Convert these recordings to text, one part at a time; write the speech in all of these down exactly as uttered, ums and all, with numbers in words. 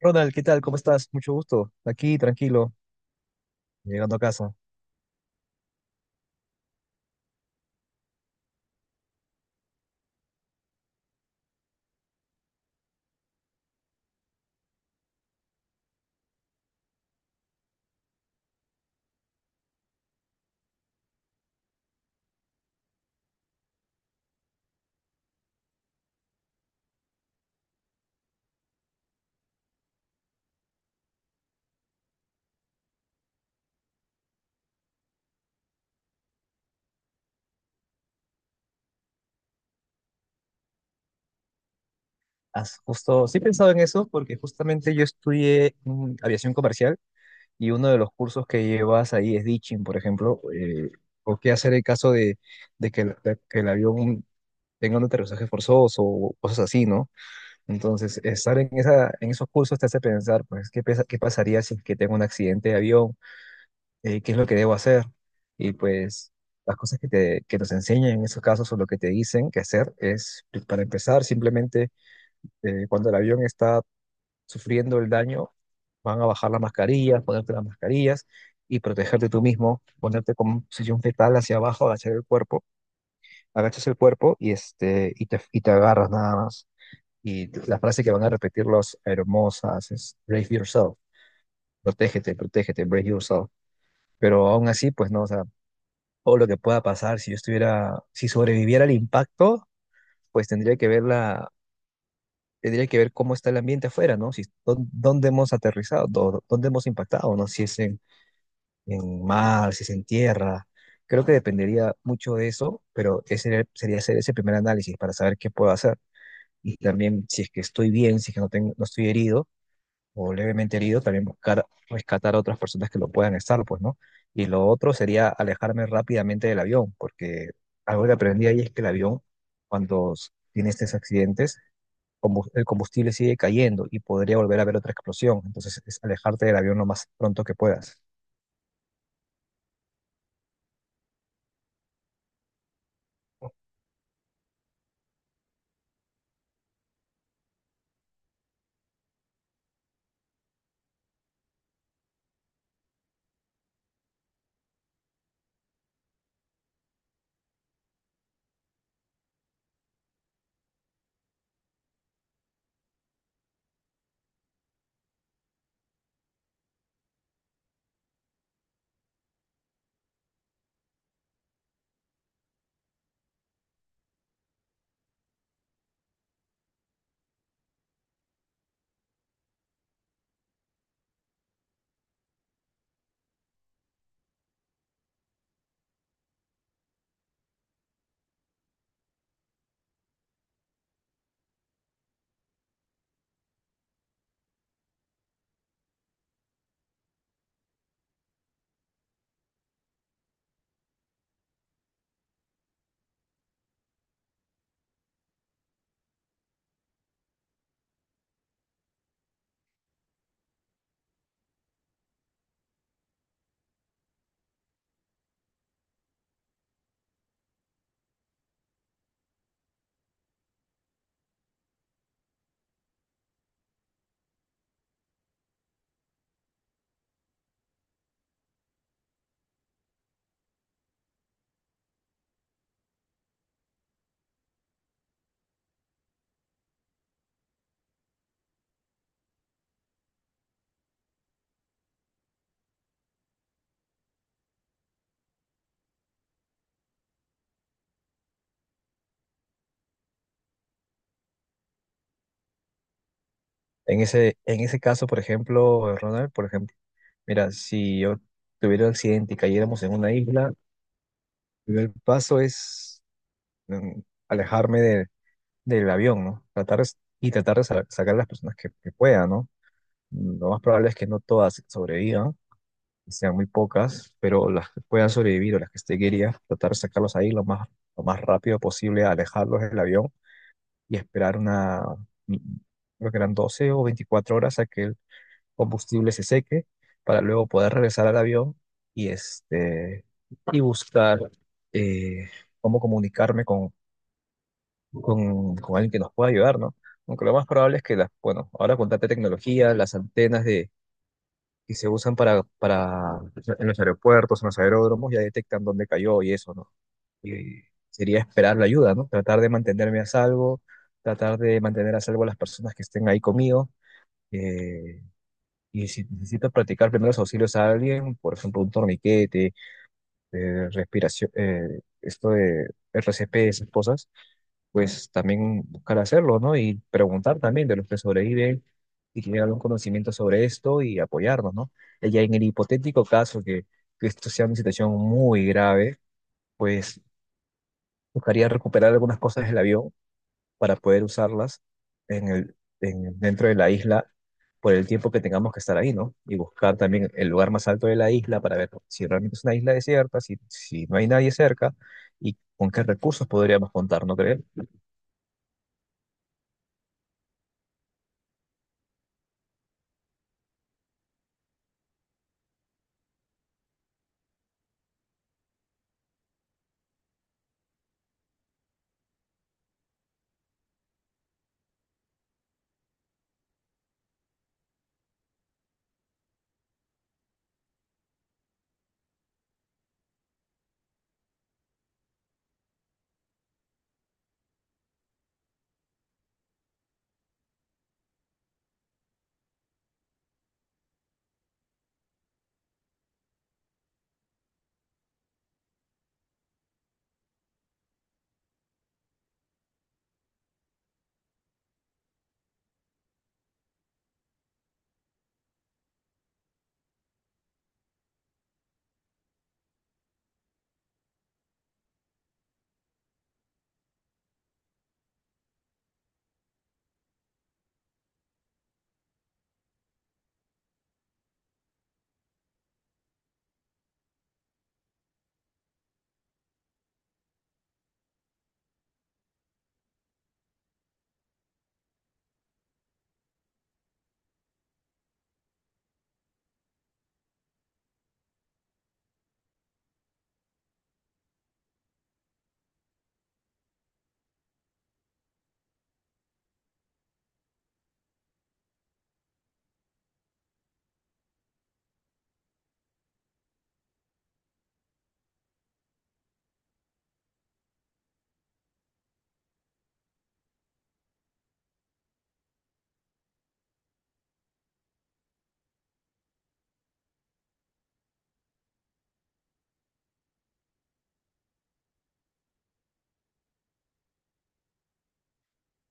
Ronald, ¿qué tal? ¿Cómo estás? Mucho gusto. Aquí, tranquilo, llegando a casa. Has justo, sí he pensado en eso porque justamente yo estudié mm, aviación comercial y uno de los cursos que llevas ahí es ditching, por ejemplo, eh, o qué hacer en caso de, de que, el de que el avión tenga un aterrizaje forzoso o cosas así, ¿no? Entonces, estar en esa, en esos cursos te hace pensar, pues, ¿qué, pesa- qué pasaría si es que tengo un accidente de avión? Eh, qué es lo que debo hacer. Y pues las cosas que, te, que nos enseñan en esos casos o lo que te dicen que hacer es, pues, para empezar, simplemente eh, cuando el avión está sufriendo el daño, van a bajar las mascarillas, ponerte las mascarillas y protegerte tú mismo, ponerte con posición fetal hacia abajo, agachar el cuerpo, agachas el cuerpo y, este, y, te, y te agarras nada más. Y la frase que van a repetir los aeromosas es brave yourself, protégete, protégete, brave yourself. Pero aún así, pues no, o sea, o lo que pueda pasar si yo estuviera, si sobreviviera al impacto, pues tendría que ver la, tendría que ver cómo está el ambiente afuera, ¿no? Si, dó- dónde hemos aterrizado, dó- dónde hemos impactado, ¿no? Si es en, en mar, si es en tierra. Creo que dependería mucho de eso, pero ese era- sería hacer ese primer análisis para saber qué puedo hacer. Y también si es que estoy bien, si es que no tengo, no estoy herido o levemente herido, también buscar rescatar a otras personas que lo puedan estar, pues, ¿no? Y lo otro sería alejarme rápidamente del avión, porque algo que aprendí ahí es que el avión, cuando s- tiene estos accidentes, combu- el combustible sigue cayendo y podría volver a haber otra explosión. Entonces, es alejarte del avión lo más pronto que puedas. En ese, en ese caso, por ejemplo, Ronald, por ejemplo, mira, si yo tuviera un accidente y cayéramos en una isla, el primer paso es mm, alejarme de del avión, ¿no? Tratar de- y tratar de sa- sacar las personas que, que pueda, ¿no? Lo más probable es que no todas sobrevivan, que sean muy pocas, pero las que puedan sobrevivir o las que esté quería, tratar de sacarlos ahí lo más, lo más rápido posible, alejarlos del avión y esperar una, mi- creo que eran doce o veinticuatro horas a que el combustible se seque para luego poder regresar al avión y, este, y buscar eh, cómo comunicarme con, con alguien que nos pueda ayudar, ¿no? Aunque lo más probable es que, las, bueno, ahora con tanta tecnología, las antenas de, que se usan para, para en los aeropuertos, en los aeródromos, ya detectan dónde cayó y eso, ¿no? Y sería esperar la ayuda, ¿no? Tratar de mantenerme a salvo, tratar de mantener a salvo a las personas que estén ahí conmigo. eh, y si necesito practicar primeros auxilios a alguien, por ejemplo, un torniquete, de respiración, eh, esto de R C P, y esas cosas, pues también buscar hacerlo, ¿no? Y preguntar también de los que sobreviven y que tienen algún conocimiento sobre esto y apoyarnos, ¿no? Y ya en el hipotético caso que, que esto sea una situación muy grave, pues buscaría recuperar algunas cosas del avión para poder usarlas en el, en- dentro de la isla por el tiempo que tengamos que estar ahí, ¿no? Y buscar también el lugar más alto de la isla para ver si realmente es una isla desierta, si, si no hay nadie cerca y con qué recursos podríamos contar, ¿no creen?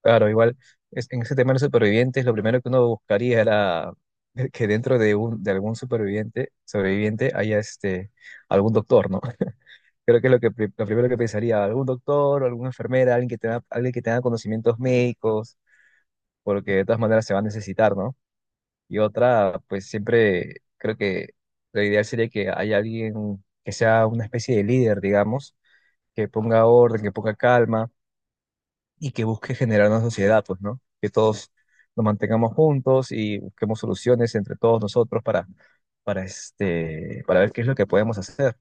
Claro, igual es- en ese tema de los supervivientes, lo primero que uno buscaría era que dentro de, un, de algún superviviente, sobreviviente haya este, algún doctor, ¿no? Creo que es lo, que, pri- lo primero que pensaría, algún doctor, alguna enfermera, alguien que tenga, alguien que tenga conocimientos médicos, porque de todas maneras se va a necesitar, ¿no? Y otra, pues siempre creo que lo ideal sería que haya alguien que sea una especie de líder, digamos, que ponga orden, que ponga calma y que busque generar una sociedad, pues, ¿no? Que todos nos mantengamos juntos y busquemos soluciones entre todos nosotros para, para, este, para ver qué es lo que podemos hacer,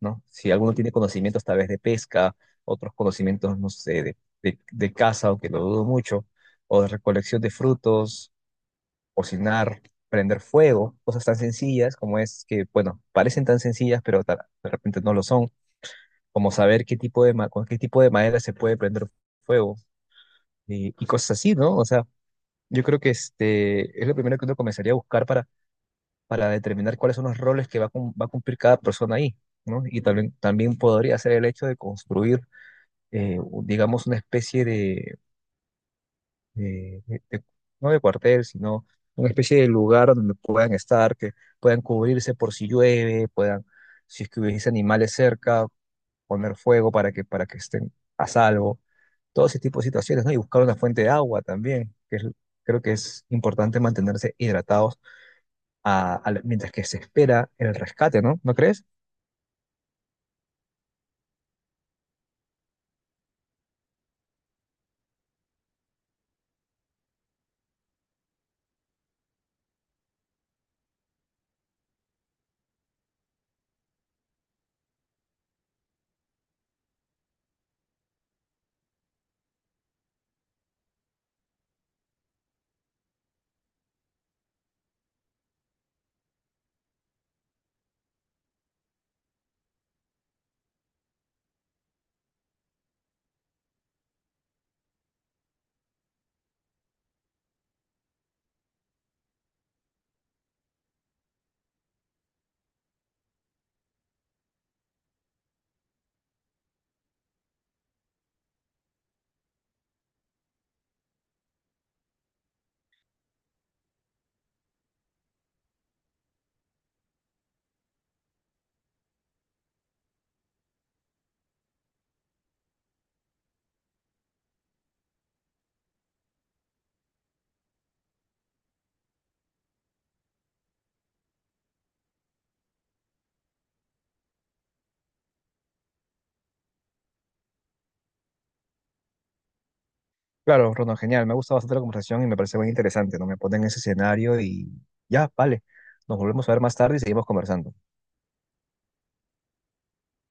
¿no? Si alguno tiene conocimientos tal vez de pesca, otros conocimientos, no sé, de, de, de caza, aunque lo dudo mucho, o de recolección de frutos cocinar, prender fuego, cosas tan sencillas como es que, bueno, parecen tan sencillas, pero ta- de repente no lo son, como saber qué tipo de, ma- con qué tipo de madera se puede prender fuego y, y cosas así, ¿no? O sea, yo creo que este es lo primero que uno comenzaría a buscar para, para determinar cuáles son los roles que va a, cum- va a cumplir cada persona ahí, ¿no? Y también, también podría ser el hecho de construir, eh, digamos, una especie de eh, de- de- no de cuartel, sino una especie de lugar donde puedan estar, que puedan cubrirse por si llueve, puedan, si es que hubiese animales cerca, poner fuego para que, para que estén a salvo, todo ese tipo de situaciones, ¿no? Y buscar una fuente de agua también, que es- creo que es importante mantenerse hidratados a- a mientras que se espera el rescate, ¿no? ¿No crees? Claro, Ronald, genial, me ha gustado bastante la conversación y me parece muy interesante, ¿no? Me ponen en ese escenario y ya, vale, nos volvemos a ver más tarde y seguimos conversando.